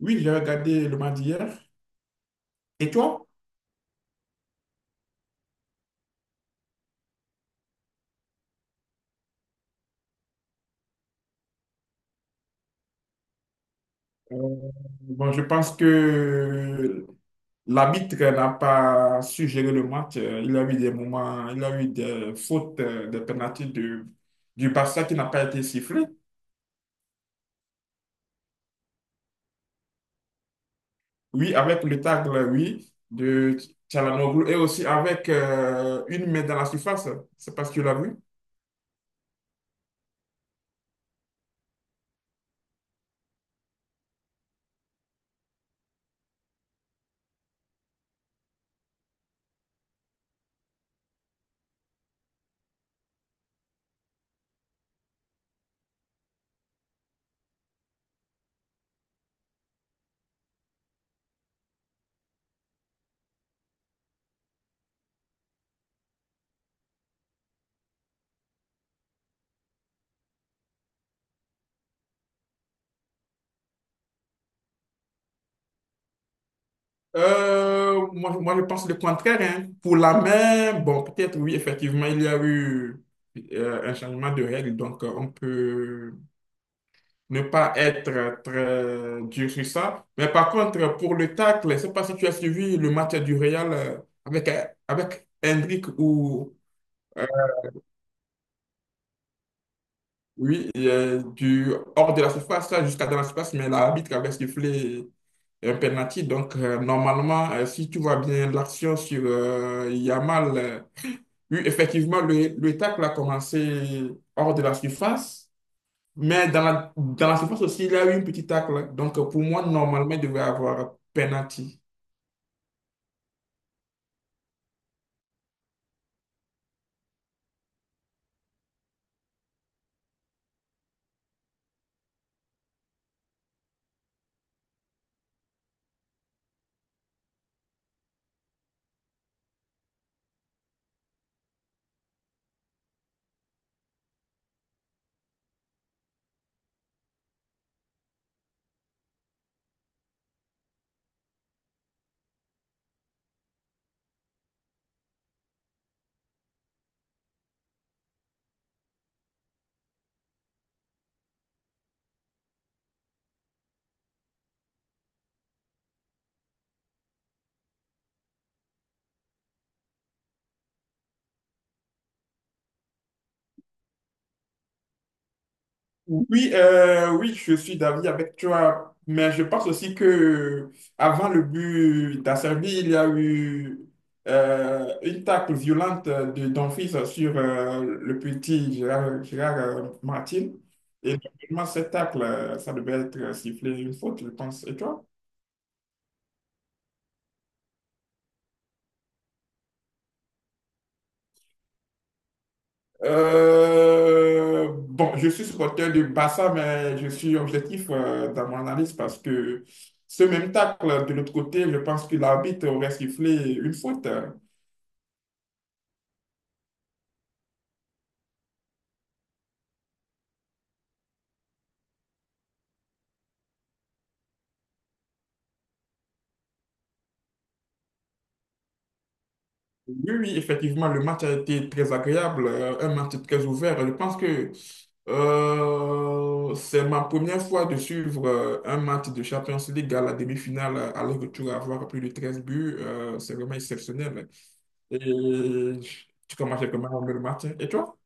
Oui, j'ai regardé le match d'hier. Et toi? Euh, Bon, je pense que l'arbitre n'a pas su gérer le match. Il a eu des moments, il a eu des fautes, des pénalités de, du Barça qui n'a pas été sifflé. Oui, avec le tacle, oui, de Çalhanoğlu et aussi avec une main dans la surface. C'est parce que tu l'as vu. Moi, je pense le contraire, hein. Pour la main, bon, peut-être oui, effectivement, il y a eu un changement de règle, donc on peut ne pas être très dur sur ça. Mais par contre, pour le tacle, je ne sais pas si tu as suivi le match du Real avec, avec Hendrik ou euh, oui, du hors de la surface, là, jusqu'à dans la surface, mais l'arbitre avait sifflé un penalty. Donc, normalement, si tu vois bien l'action sur Yamal. Oui, effectivement, le tacle a commencé hors de la surface, mais dans la surface aussi, il y a eu une petite tacle, hein. Donc, pour moi, normalement, il devait y avoir penalty. Oui, oui, je suis d'avis avec toi, mais je pense aussi que avant le but d'Acerbi, il y a eu une tacle violente de Dumfries sur le petit Gérard Martin. Et normalement, cette tacle, ça devait être sifflé une faute, je pense. Et toi? Bon, je suis supporter du Barça, mais je suis objectif dans mon analyse parce que ce même tacle de l'autre côté, je pense que l'arbitre aurait sifflé une faute. Oui, oui, effectivement, le match a été très agréable, un match très ouvert. Je pense que c'est ma première fois de suivre un match de Champions League à la demi-finale, alors que tu vas avoir plus de treize buts. C'est vraiment exceptionnel. Et tu commences comment le match, hein? Et toi?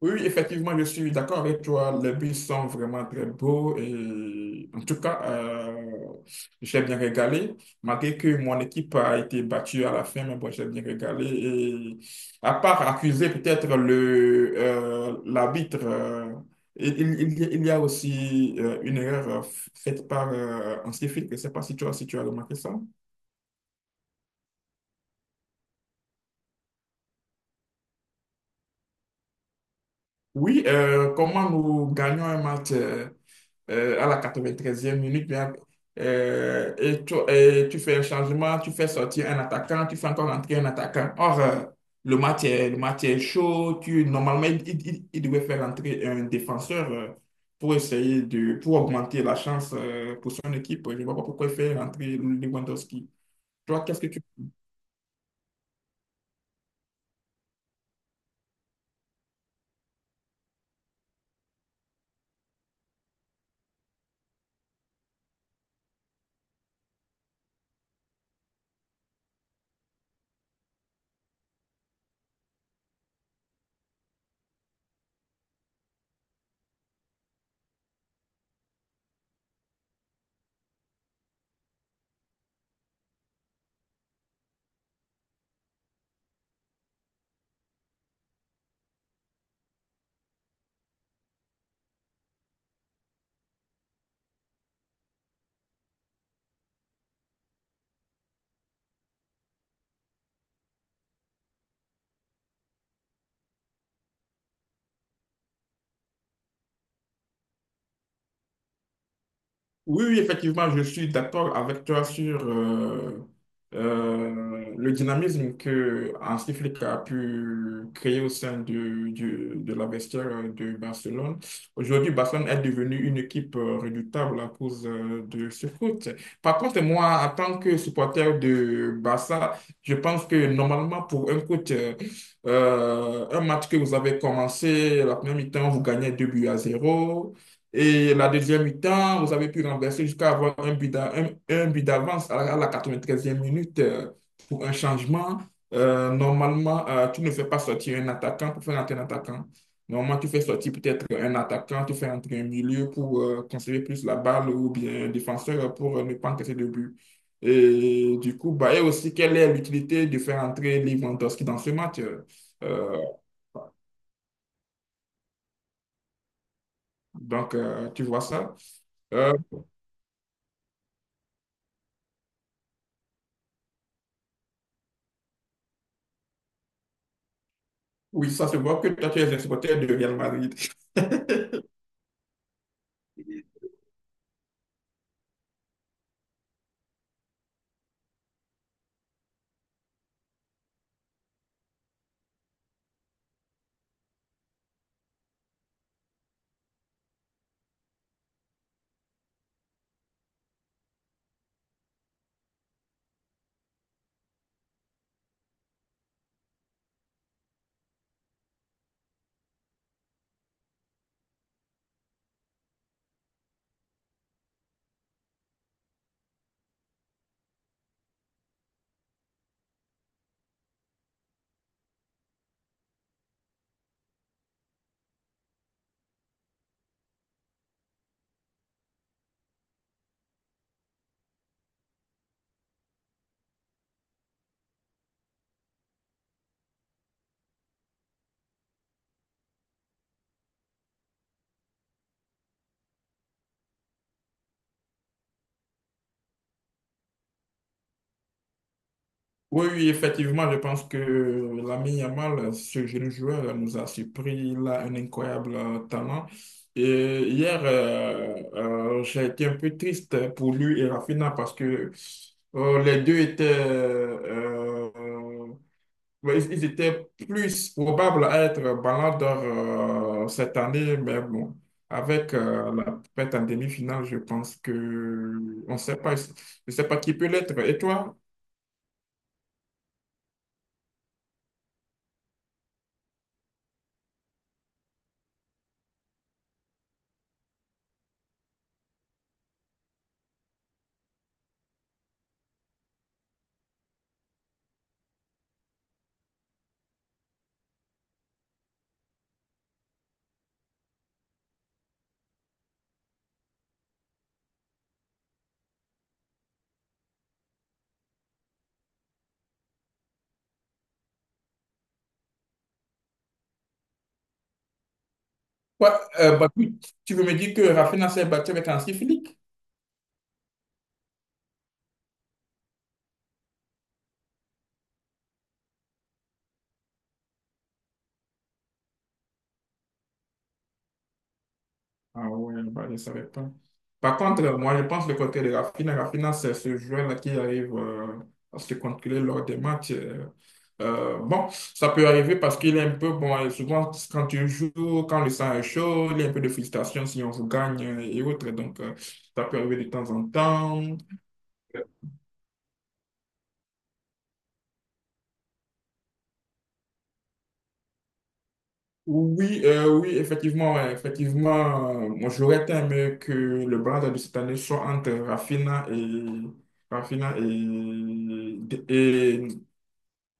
Oui, oui, effectivement, je suis d'accord avec toi. Les bus sont vraiment très beaux et en tout cas, j'ai bien régalé. Malgré que mon équipe a été battue à la fin, mais bon, j'ai bien régalé. Et à part accuser peut-être le l'arbitre, il y a aussi une erreur faite par un civil. Je ne sais pas si tu as, si tu as remarqué ça. Oui, comment nous gagnons un match à la quatre-vingt-treizième minute, bien, et tu fais un changement, tu fais sortir un attaquant, tu fais encore entrer un attaquant. Or, le match est chaud, normalement, il devait faire entrer un défenseur pour essayer de, pour augmenter la chance pour son équipe. Je ne vois pas pourquoi il fait entrer Lewandowski. Toi, qu'est-ce que tu... Oui, oui, effectivement, je suis d'accord avec toi sur le dynamisme que Hansi Flick a pu créer au sein de, de la vestiaire de Barcelone. Aujourd'hui, Barcelone est devenue une équipe redoutable à cause de ce foot. Par contre, moi, en tant que supporter de Barça, je pense que normalement, pour un coach, un match que vous avez commencé, la première mi-temps, vous gagnez 2 buts à zéro. Et la deuxième mi-temps, vous avez pu renverser jusqu'à avoir un but d'avance à la 93e minute pour un changement. Normalement, tu ne fais pas sortir un attaquant pour faire entrer un attaquant. Normalement, tu fais sortir peut-être un attaquant, tu fais entrer un milieu pour conserver plus la balle ou bien un défenseur pour ne pas encaisser de but. Et du coup, bah, et aussi, quelle est l'utilité de faire entrer Lewandowski dans ce match? Euh, donc, tu vois ça. Euh, Oui, ça se voit que toi, tu es un supporter de Real Madrid. Oui, oui, effectivement, je pense que l'ami Yamal, ce jeune joueur, nous a surpris. Il a un incroyable talent. Et hier, j'ai été un peu triste pour lui et Rafinha parce que les deux étaient mais ils étaient plus probables à être Ballon d'Or cette année, mais bon, avec la pète en demi-finale, je pense que on ne sait pas, je ne sais pas qui peut l'être. Et toi? Quoi, bah, tu veux me dire que Rafinha s'est battu avec un Flick? Ah ouais, bah, je ne savais pas. Par contre, moi, je pense le côté de Rafinha. Rafinha, c'est ce joueur-là qui arrive à se contrôler lors des matchs, euh. Bon, ça peut arriver parce qu'il est un peu bon, et souvent, quand tu joues, quand le sang est chaud, il y a un peu de frustration si on vous gagne et autres. Donc, ça peut arriver de temps en temps. Oui, oui, effectivement, ouais, effectivement, moi j'aurais aimé que le Barça de cette année soit entre Rafinha et Rafinha et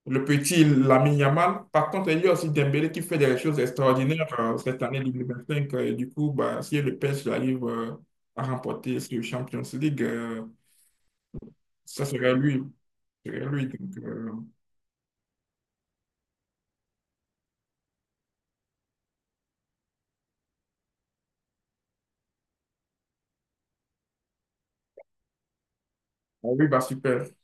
le petit Lamine Yamal. Par contre, il y a aussi Dembélé qui fait des choses extraordinaires cette année 2025. Et du coup, bah, si le PSG arrive à remporter ce Champions League, ça serait lui. Ça serait lui. Donc, ah oui, bah, super.